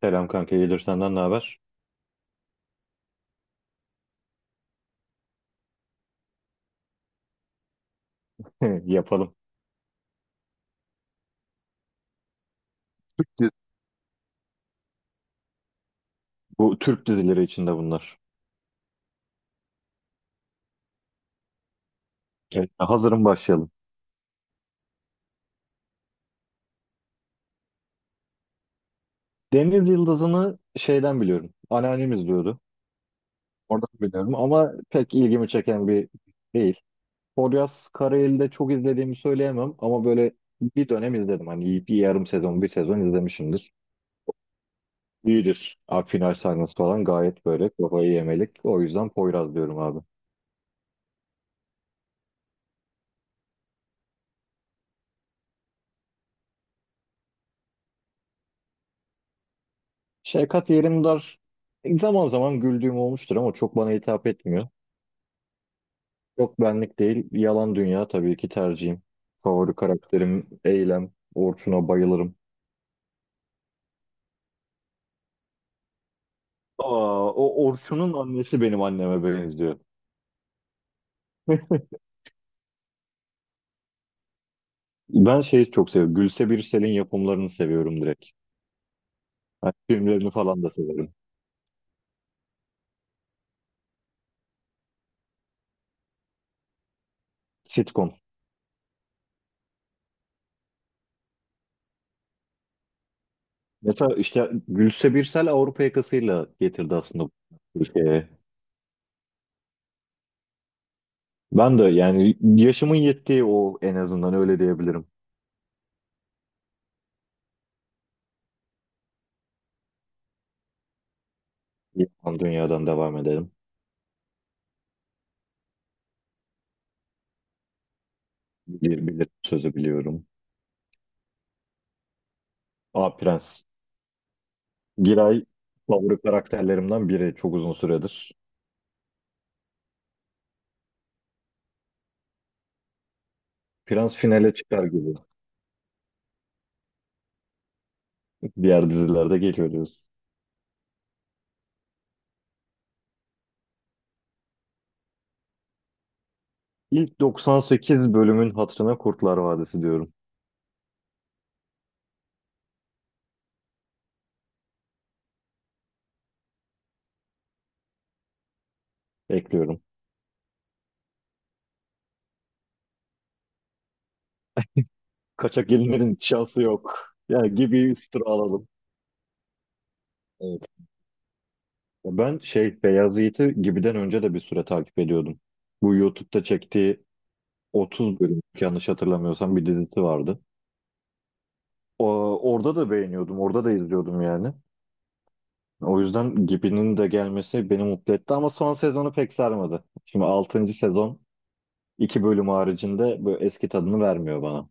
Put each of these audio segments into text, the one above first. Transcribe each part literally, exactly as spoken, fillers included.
Selam kanka, iyidir senden ne haber? Yapalım. Türk dizi- Bu Türk dizileri içinde bunlar. Evet, hazırım başlayalım. Deniz Yıldızı'nı şeyden biliyorum. Anneannem izliyordu. Oradan biliyorum ama pek ilgimi çeken bir değil. Poyraz Karayel'i çok izlediğimi söyleyemem ama böyle bir dönem izledim. Hani bir yarım sezon, bir sezon izlemişimdir. İyidir. Abi final sahnesi falan gayet böyle kafayı yemelik. O yüzden Poyraz diyorum abi. Şevkat Yerimdar zaman zaman güldüğüm olmuştur ama çok bana hitap etmiyor. Yok benlik değil. Yalan Dünya tabii ki tercihim. Favori karakterim Eylem. Orçun'a bayılırım. Aa, o Orçun'un annesi benim anneme benziyor. Ben şeyi çok seviyorum. Gülse Birsel'in yapımlarını seviyorum direkt. Hani filmlerini falan da severim. Sitcom. Mesela işte Gülse Birsel Avrupa yakasıyla getirdi aslında bu Türkiye'ye. Ben de yani yaşımın yettiği o en azından öyle diyebilirim. Yalan Dünya'dan devam edelim. Bir, bilir sözü biliyorum. A Prens. Bir ay favori karakterlerimden biri çok uzun süredir. Prens finale çıkar gibi. Diğer dizilerde geliyor diyoruz. İlk doksan sekiz bölümün hatırına Kurtlar Vadisi diyorum. Ekliyorum. Kaçak gelinlerin şansı yok. Ya gibi üstüne alalım. Evet. Ben şey Beyaz Yiğit'i Gibi'den önce de bir süre takip ediyordum. Bu YouTube'da çektiği otuz bölüm yanlış hatırlamıyorsam bir dizisi vardı. O, Orada da beğeniyordum. Orada da izliyordum yani. O yüzden Gibi'nin de gelmesi beni mutlu etti ama son sezonu pek sarmadı. Şimdi altıncı sezon iki bölüm haricinde böyle eski tadını vermiyor bana.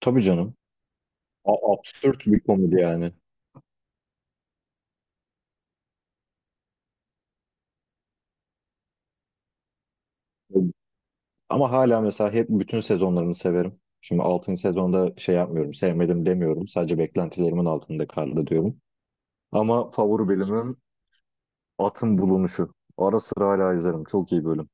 Tabii canım. A- absürt bir komedi yani. Ama hala mesela hep bütün sezonlarını severim. Şimdi altıncı sezonda şey yapmıyorum, sevmedim demiyorum. Sadece beklentilerimin altında kaldı diyorum. Ama favori bölümüm Atın Bulunuşu. Ara sıra hala izlerim. Çok iyi bölüm.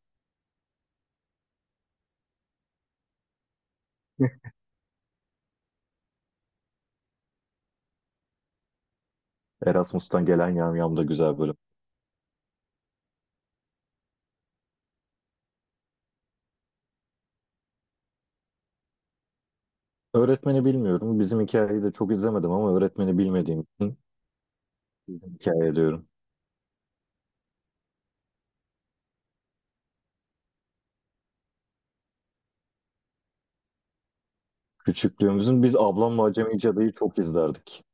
Erasmus'tan gelen yamyam da güzel bölüm. Öğretmeni bilmiyorum. Bizim hikayeyi de çok izlemedim ama öğretmeni bilmediğim için bizim hikaye diyorum. Küçüklüğümüzün biz Ablamla Acemi Cadı'yı çok izlerdik.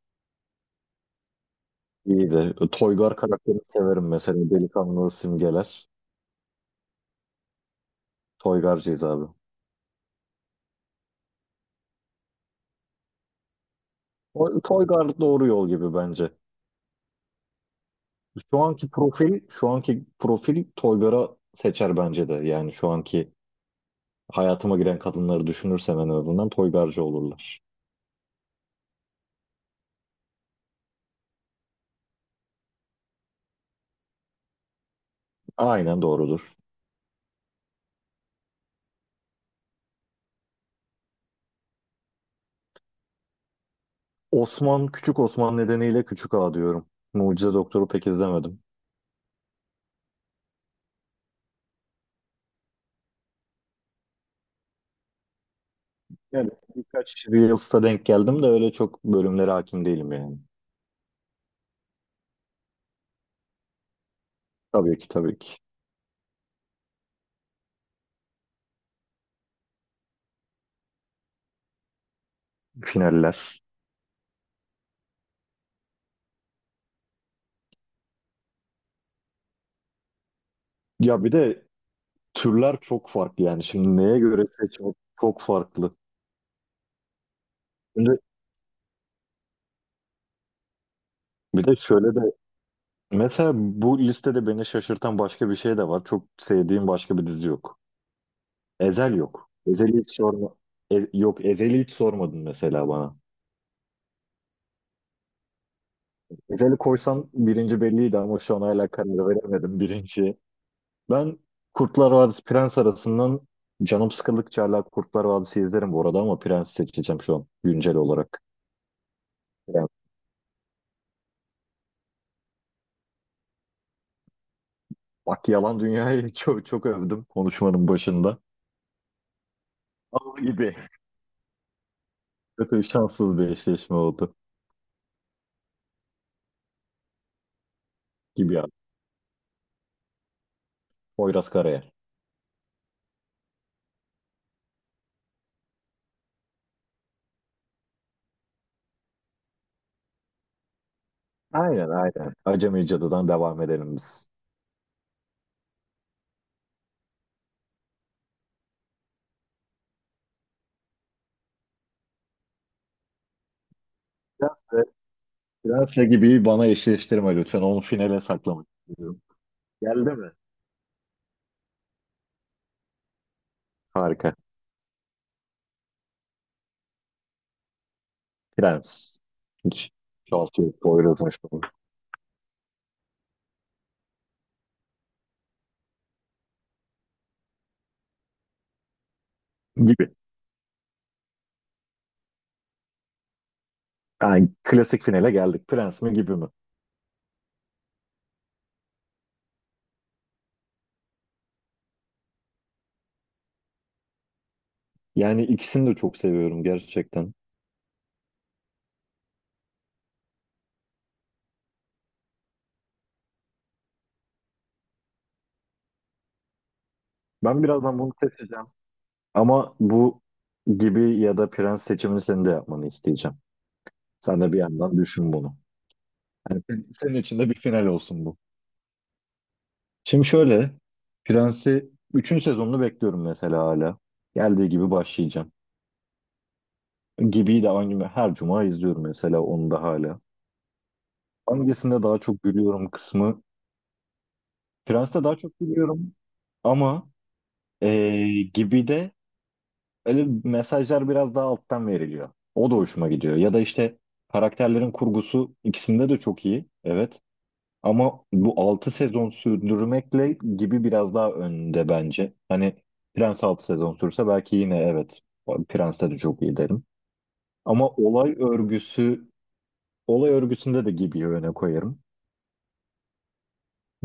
İyiydi. Toygar karakterini severim mesela. Delikanlı simgeler. Toygarcıyız abi. O- Toygar doğru yol gibi bence. Şu anki profil, şu anki profil Toygar'a seçer bence de. Yani şu anki hayatıma giren kadınları düşünürsem en azından Toygarcı olurlar. Aynen doğrudur. Osman, Küçük Osman nedeniyle Küçük Ağa diyorum. Mucize Doktor'u pek izlemedim. Yani birkaç Reels'ta denk geldim de öyle çok bölümlere hakim değilim yani. Tabii ki tabii ki. Finaller. Ya bir de türler çok farklı yani. Şimdi neye göre seçmek çok farklı. Şimdi bir de şöyle de mesela bu listede beni şaşırtan başka bir şey de var. Çok sevdiğim başka bir dizi yok. Ezel yok. Ezel'i hiç sorma. E- yok Ezel'i hiç sormadın mesela bana. Özel'i koysam birinci belliydi ama şu an hala karar veremedim birinci. Ben Kurtlar Vadisi Prens arasından canım sıkıldıkça hala Kurtlar Vadisi izlerim bu arada ama Prens seçeceğim şu an güncel olarak. Yani bak Yalan Dünya'yı çok, çok övdüm konuşmanın başında. Ama gibi kötü şanssız bir eşleşme oldu gibi ya. Poyraz Karayel. Aynen aynen. Acemi Cadı'dan devam edelim biz. Prens'le, Prens'le gibi bana eşleştirme lütfen. Onu finale saklamak istiyorum. Geldi mi? Harika. Prens. Hiç şaltı yok, Poyraz'ın şovu. Gibi. Yani klasik finale geldik. Prens mi gibi mi? Yani ikisini de çok seviyorum gerçekten. Ben birazdan bunu seçeceğim. Ama bu gibi ya da prens seçimini senin de yapmanı isteyeceğim. Sen de bir yandan düşün bunu. Yani sen- senin için de bir final olsun bu. Şimdi şöyle. Prensi üçüncü sezonunu bekliyorum mesela hala. Geldiği gibi başlayacağım. Gibi'yi de aynı her cuma izliyorum mesela onu da hala. Hangisinde daha çok gülüyorum kısmı Prens'te daha çok biliyorum ama eee gibi de öyle mesajlar biraz daha alttan veriliyor. O da hoşuma gidiyor. Ya da işte karakterlerin kurgusu ikisinde de çok iyi. Evet. Ama bu altı sezon sürdürmekle gibi biraz daha önde bence. Hani Prens altı sezon sürse belki yine evet Prens'te de çok iyi derim. Ama olay örgüsü olay örgüsünde de Gibi'yi öne koyarım.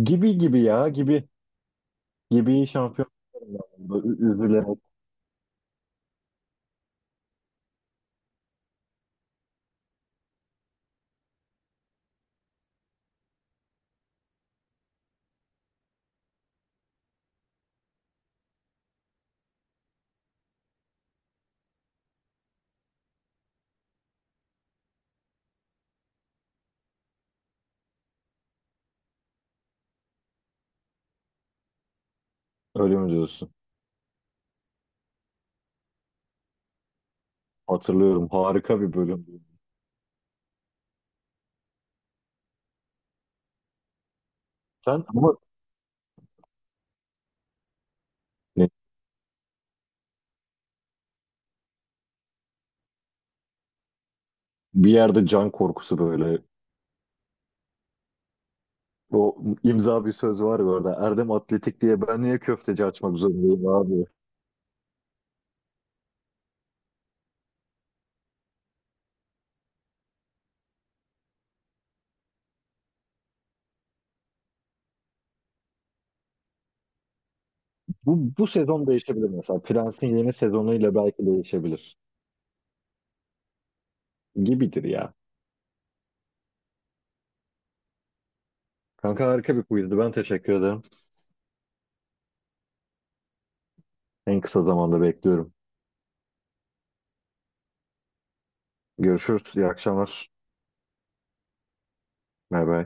Gibi gibi ya gibi gibi şampiyon. Üzülerek öyle mi diyorsun? Hatırlıyorum. Harika bir bölüm. Sen ama ne- bir yerde can korkusu böyle. O imza bir söz var ya orada. Erdem Atletik diye ben niye köfteci açmak zorundayım abi? Bu, bu sezon değişebilir mesela. Prens'in yeni sezonuyla belki değişebilir. Gibidir ya. Kanka harika bir quizdi. Ben teşekkür ederim. En kısa zamanda bekliyorum. Görüşürüz. İyi akşamlar. Bay bay.